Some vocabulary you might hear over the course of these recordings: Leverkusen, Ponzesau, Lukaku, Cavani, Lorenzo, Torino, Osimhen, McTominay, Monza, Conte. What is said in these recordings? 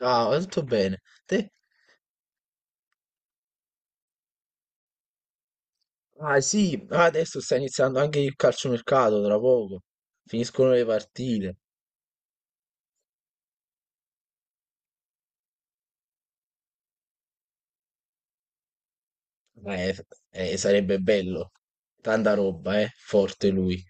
Ah, tutto bene. Te adesso sta iniziando anche il calciomercato tra poco. Finiscono le partite. Eh, sarebbe bello. Tanta roba, eh. Forte lui.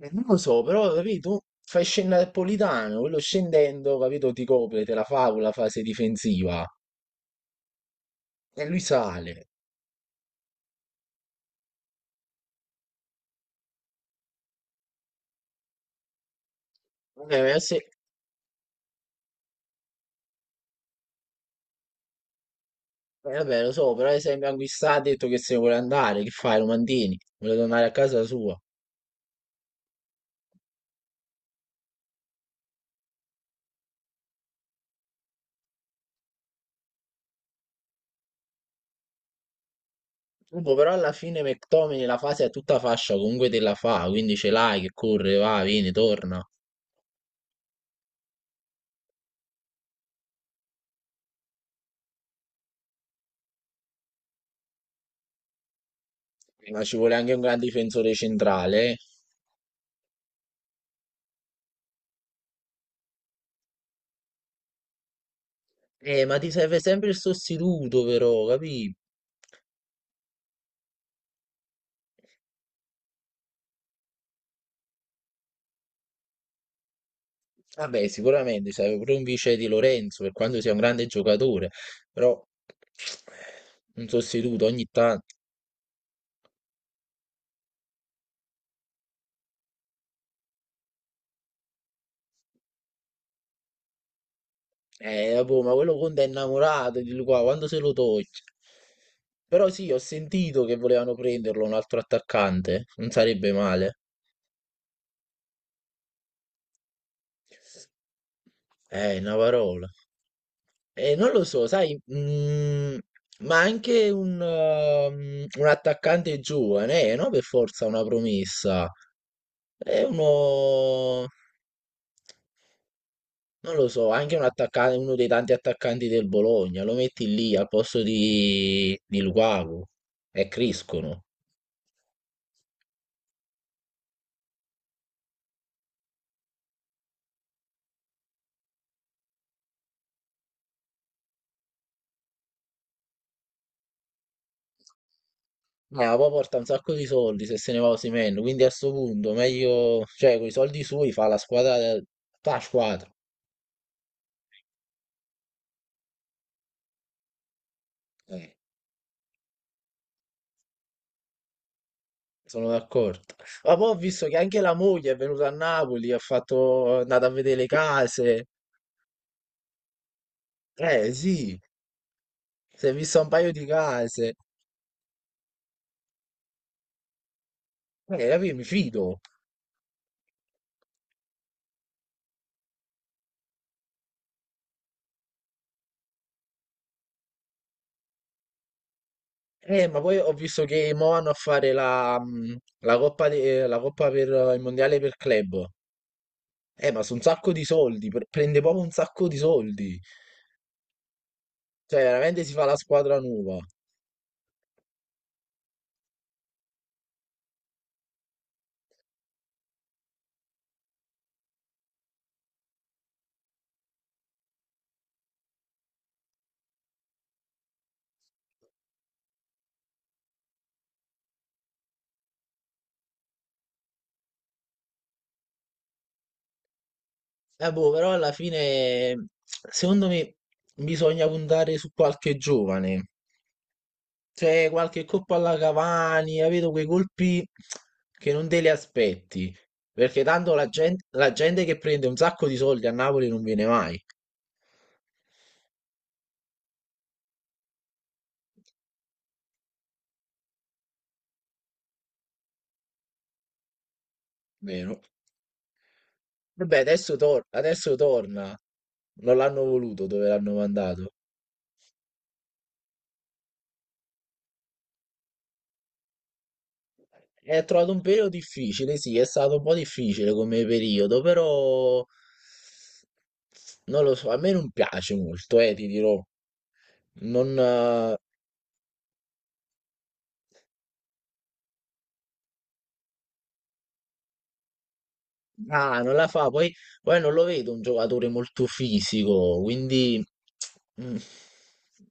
Non lo so, però, capito? Fai scendere Napolitano, quello scendendo, capito? Ti copre, te la fa con la fase difensiva. E lui sale. Eh, ma se- vabbè, lo so, però ad esempio anche sta ha detto che se ne vuole andare, che fai? Lo mantieni? Vuole tornare a casa sua. Comunque, però alla fine McTominay la fase è tutta fascia, comunque te la fa, quindi ce l'hai che corre, va, vieni, torna. Ma ci vuole anche un gran difensore centrale. Ma ti serve sempre il sostituto, però, capì? Vabbè, sicuramente serve pure un vice di Lorenzo, per quanto sia un grande giocatore, però un sostituto ogni tanto. Vabbè, ma quello Conte è innamorato di lui qua, quando se lo toglie? Però sì, ho sentito che volevano prenderlo un altro attaccante, non sarebbe male. Una parola. Non lo so, sai, ma anche un un attaccante giovane, no? Per forza una promessa. È uno, non lo so, anche un attaccante, uno dei tanti attaccanti del Bologna, lo metti lì al posto di Lukaku e crescono. Ma poi porta un sacco di soldi se se ne va Osimhen, quindi a sto punto meglio, cioè, con i soldi sui fa la squadra, fa la squadra. Eh. Sono d'accordo. Ma poi ho visto che anche la moglie è venuta a Napoli, ha fatto, è andata a vedere le case. Eh sì, si è vista un paio di case. Capì? Mi fido. Ma poi ho visto che mo vanno a fare la la coppa, la coppa per il mondiale per club. Ma su un sacco di soldi, prende proprio un sacco di soldi. Cioè, veramente si fa la squadra nuova. Boh, però alla fine, secondo me, bisogna puntare su qualche giovane. C'è qualche colpo alla Cavani, capito? Quei colpi che non te li aspetti. Perché tanto la gente che prende un sacco di soldi a Napoli non viene mai, vero? Vabbè, adesso, adesso torna. Non l'hanno voluto dove l'hanno mandato. È trovato un periodo difficile, sì, è stato un po' difficile come periodo, però non lo so, a me non piace molto, ti dirò. Non, Ah, non la fa, poi, poi non lo vedo un giocatore molto fisico, quindi mm,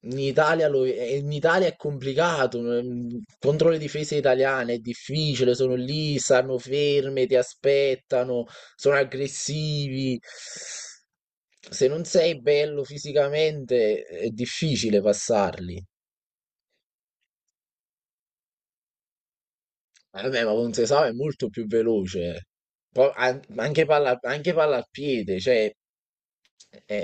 in Italia, in Italia è complicato, contro le difese italiane è difficile, sono lì, stanno ferme, ti aspettano, sono aggressivi. Se non sei bello fisicamente è difficile passarli. Vabbè, ma Ponzesau è molto più veloce. Poi anche palla al piede, cioè è,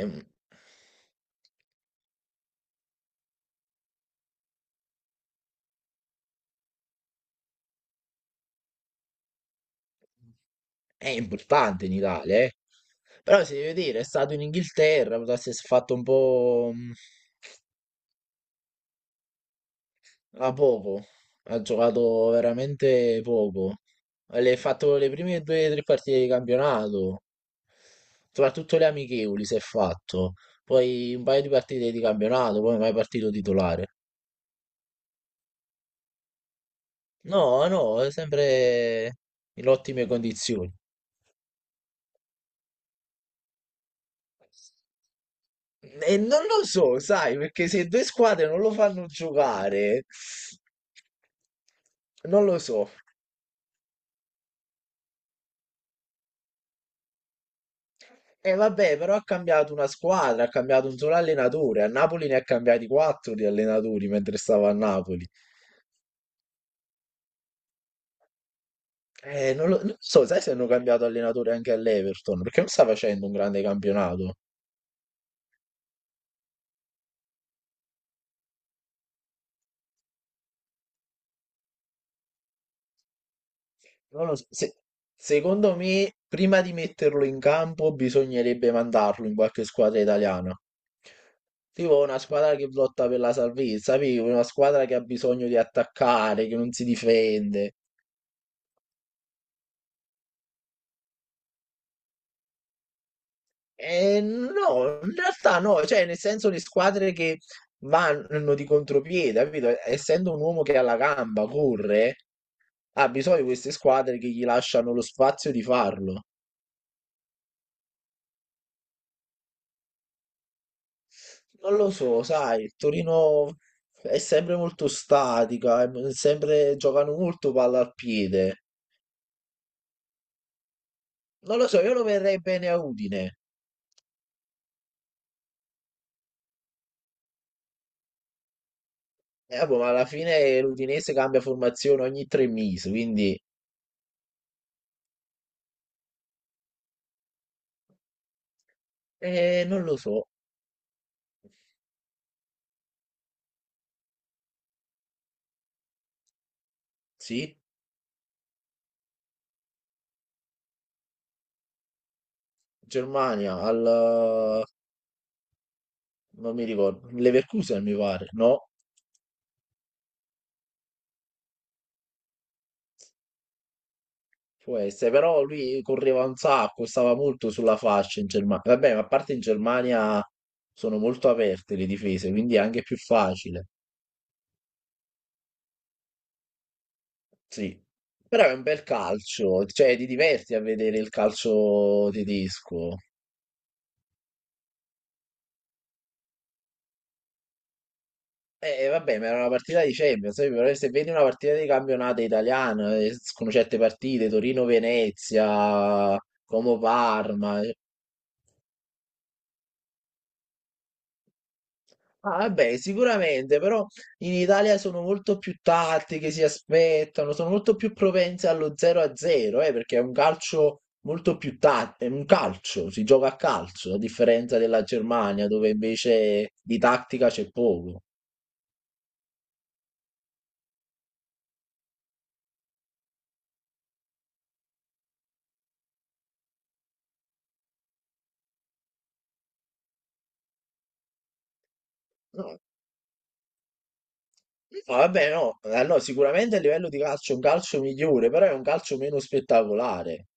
è importante in Italia, eh. Però si deve dire, è stato in Inghilterra, potesse si è fatto un po' a poco, ha giocato veramente poco. Le ha fatto le prime due o tre partite di campionato, soprattutto le amichevoli si è fatto, poi un paio di partite di campionato, poi non è mai partito titolare. No, no, è sempre in ottime condizioni. E non lo so, sai, perché se due squadre non lo fanno giocare, non lo so. E vabbè, però ha cambiato una squadra, ha cambiato un solo allenatore. A Napoli ne ha cambiati quattro di allenatori mentre stava a Napoli. Non lo so, sai se hanno cambiato allenatore anche all'Everton, perché non sta facendo un grande campionato. Non lo so. Secondo me, prima di metterlo in campo, bisognerebbe mandarlo in qualche squadra italiana. Tipo una squadra che lotta per la salvezza, capito? Una squadra che ha bisogno di attaccare, che non si difende. E no, in realtà no, cioè nel senso le squadre che vanno di contropiede, capito? Essendo un uomo che ha la gamba, corre, ha bisogno di queste squadre che gli lasciano lo spazio di farlo. Non lo so, sai, il Torino è sempre molto statica, è sempre, giocano molto palla al piede. Non lo so, io lo verrei bene a Udine. Boh, ma alla fine l'Udinese cambia formazione ogni tre mesi, quindi non lo so. Sì, Germania al non mi ricordo, Leverkusen mi pare, no? Può essere, però lui correva un sacco, stava molto sulla fascia in Germania. Vabbè, ma a parte in Germania sono molto aperte le difese, quindi è anche più facile. Sì. Però è un bel calcio, cioè ti diverti a vedere il calcio tedesco. Vabbè, ma era una partita di Champions, però se vedi una partita di campionato italiano, con certe partite, Torino-Venezia, Como-Parma, ah, vabbè, sicuramente, però in Italia sono molto più tattiche, si aspettano, sono molto più propense allo 0-0, perché è un calcio molto più tattico, è un calcio, si gioca a calcio, a differenza della Germania, dove invece di tattica c'è poco. No, Vabbè, no, allora, sicuramente a livello di calcio è un calcio migliore, però è un calcio meno spettacolare.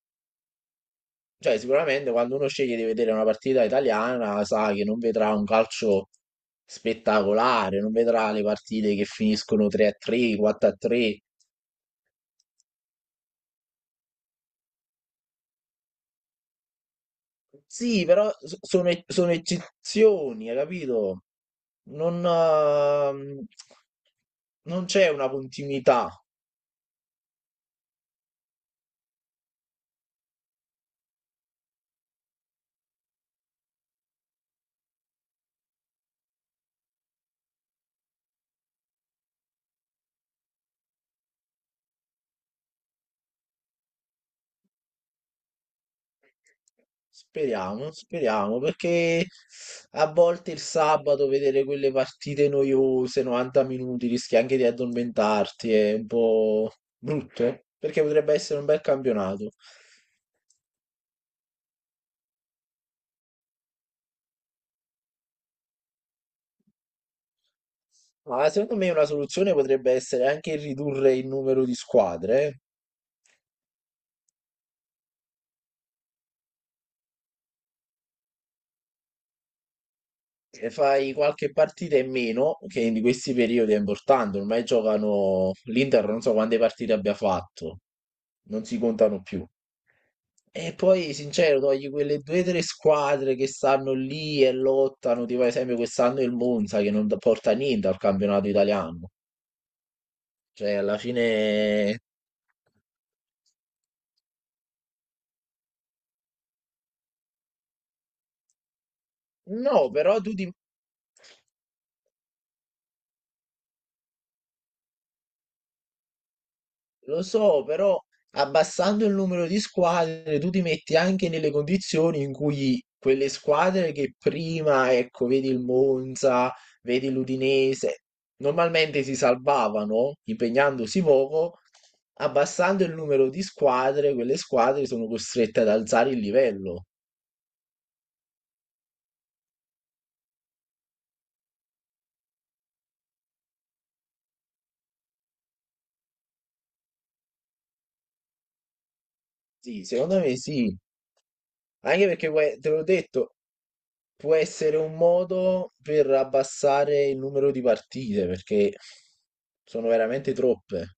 Cioè, sicuramente quando uno sceglie di vedere una partita italiana, sa che non vedrà un calcio spettacolare, non vedrà le partite che finiscono 3-3, 4-3. Sì, però sono, sono eccezioni, hai capito? Non, ehm, non c'è una continuità. Speriamo, speriamo, perché a volte il sabato vedere quelle partite noiose, 90 minuti, rischi anche di addormentarti, è un po' brutto, perché potrebbe essere un bel campionato. Ma secondo me una soluzione potrebbe essere anche ridurre il numero di squadre, eh. E fai qualche partita in meno, che in questi periodi è importante, ormai giocano l'Inter, non so quante partite abbia fatto, non si contano più. E poi, sincero, togli quelle due o tre squadre che stanno lì e lottano, tipo ad esempio quest'anno il Monza che non porta niente al campionato italiano. Cioè, alla fine... No, lo so, però abbassando il numero di squadre tu ti metti anche nelle condizioni in cui quelle squadre che prima, ecco, vedi il Monza, vedi l'Udinese, normalmente si salvavano impegnandosi poco, abbassando il numero di squadre, quelle squadre sono costrette ad alzare il livello. Sì, secondo me sì, anche perché poi, te l'ho detto, può essere un modo per abbassare il numero di partite, perché sono veramente troppe.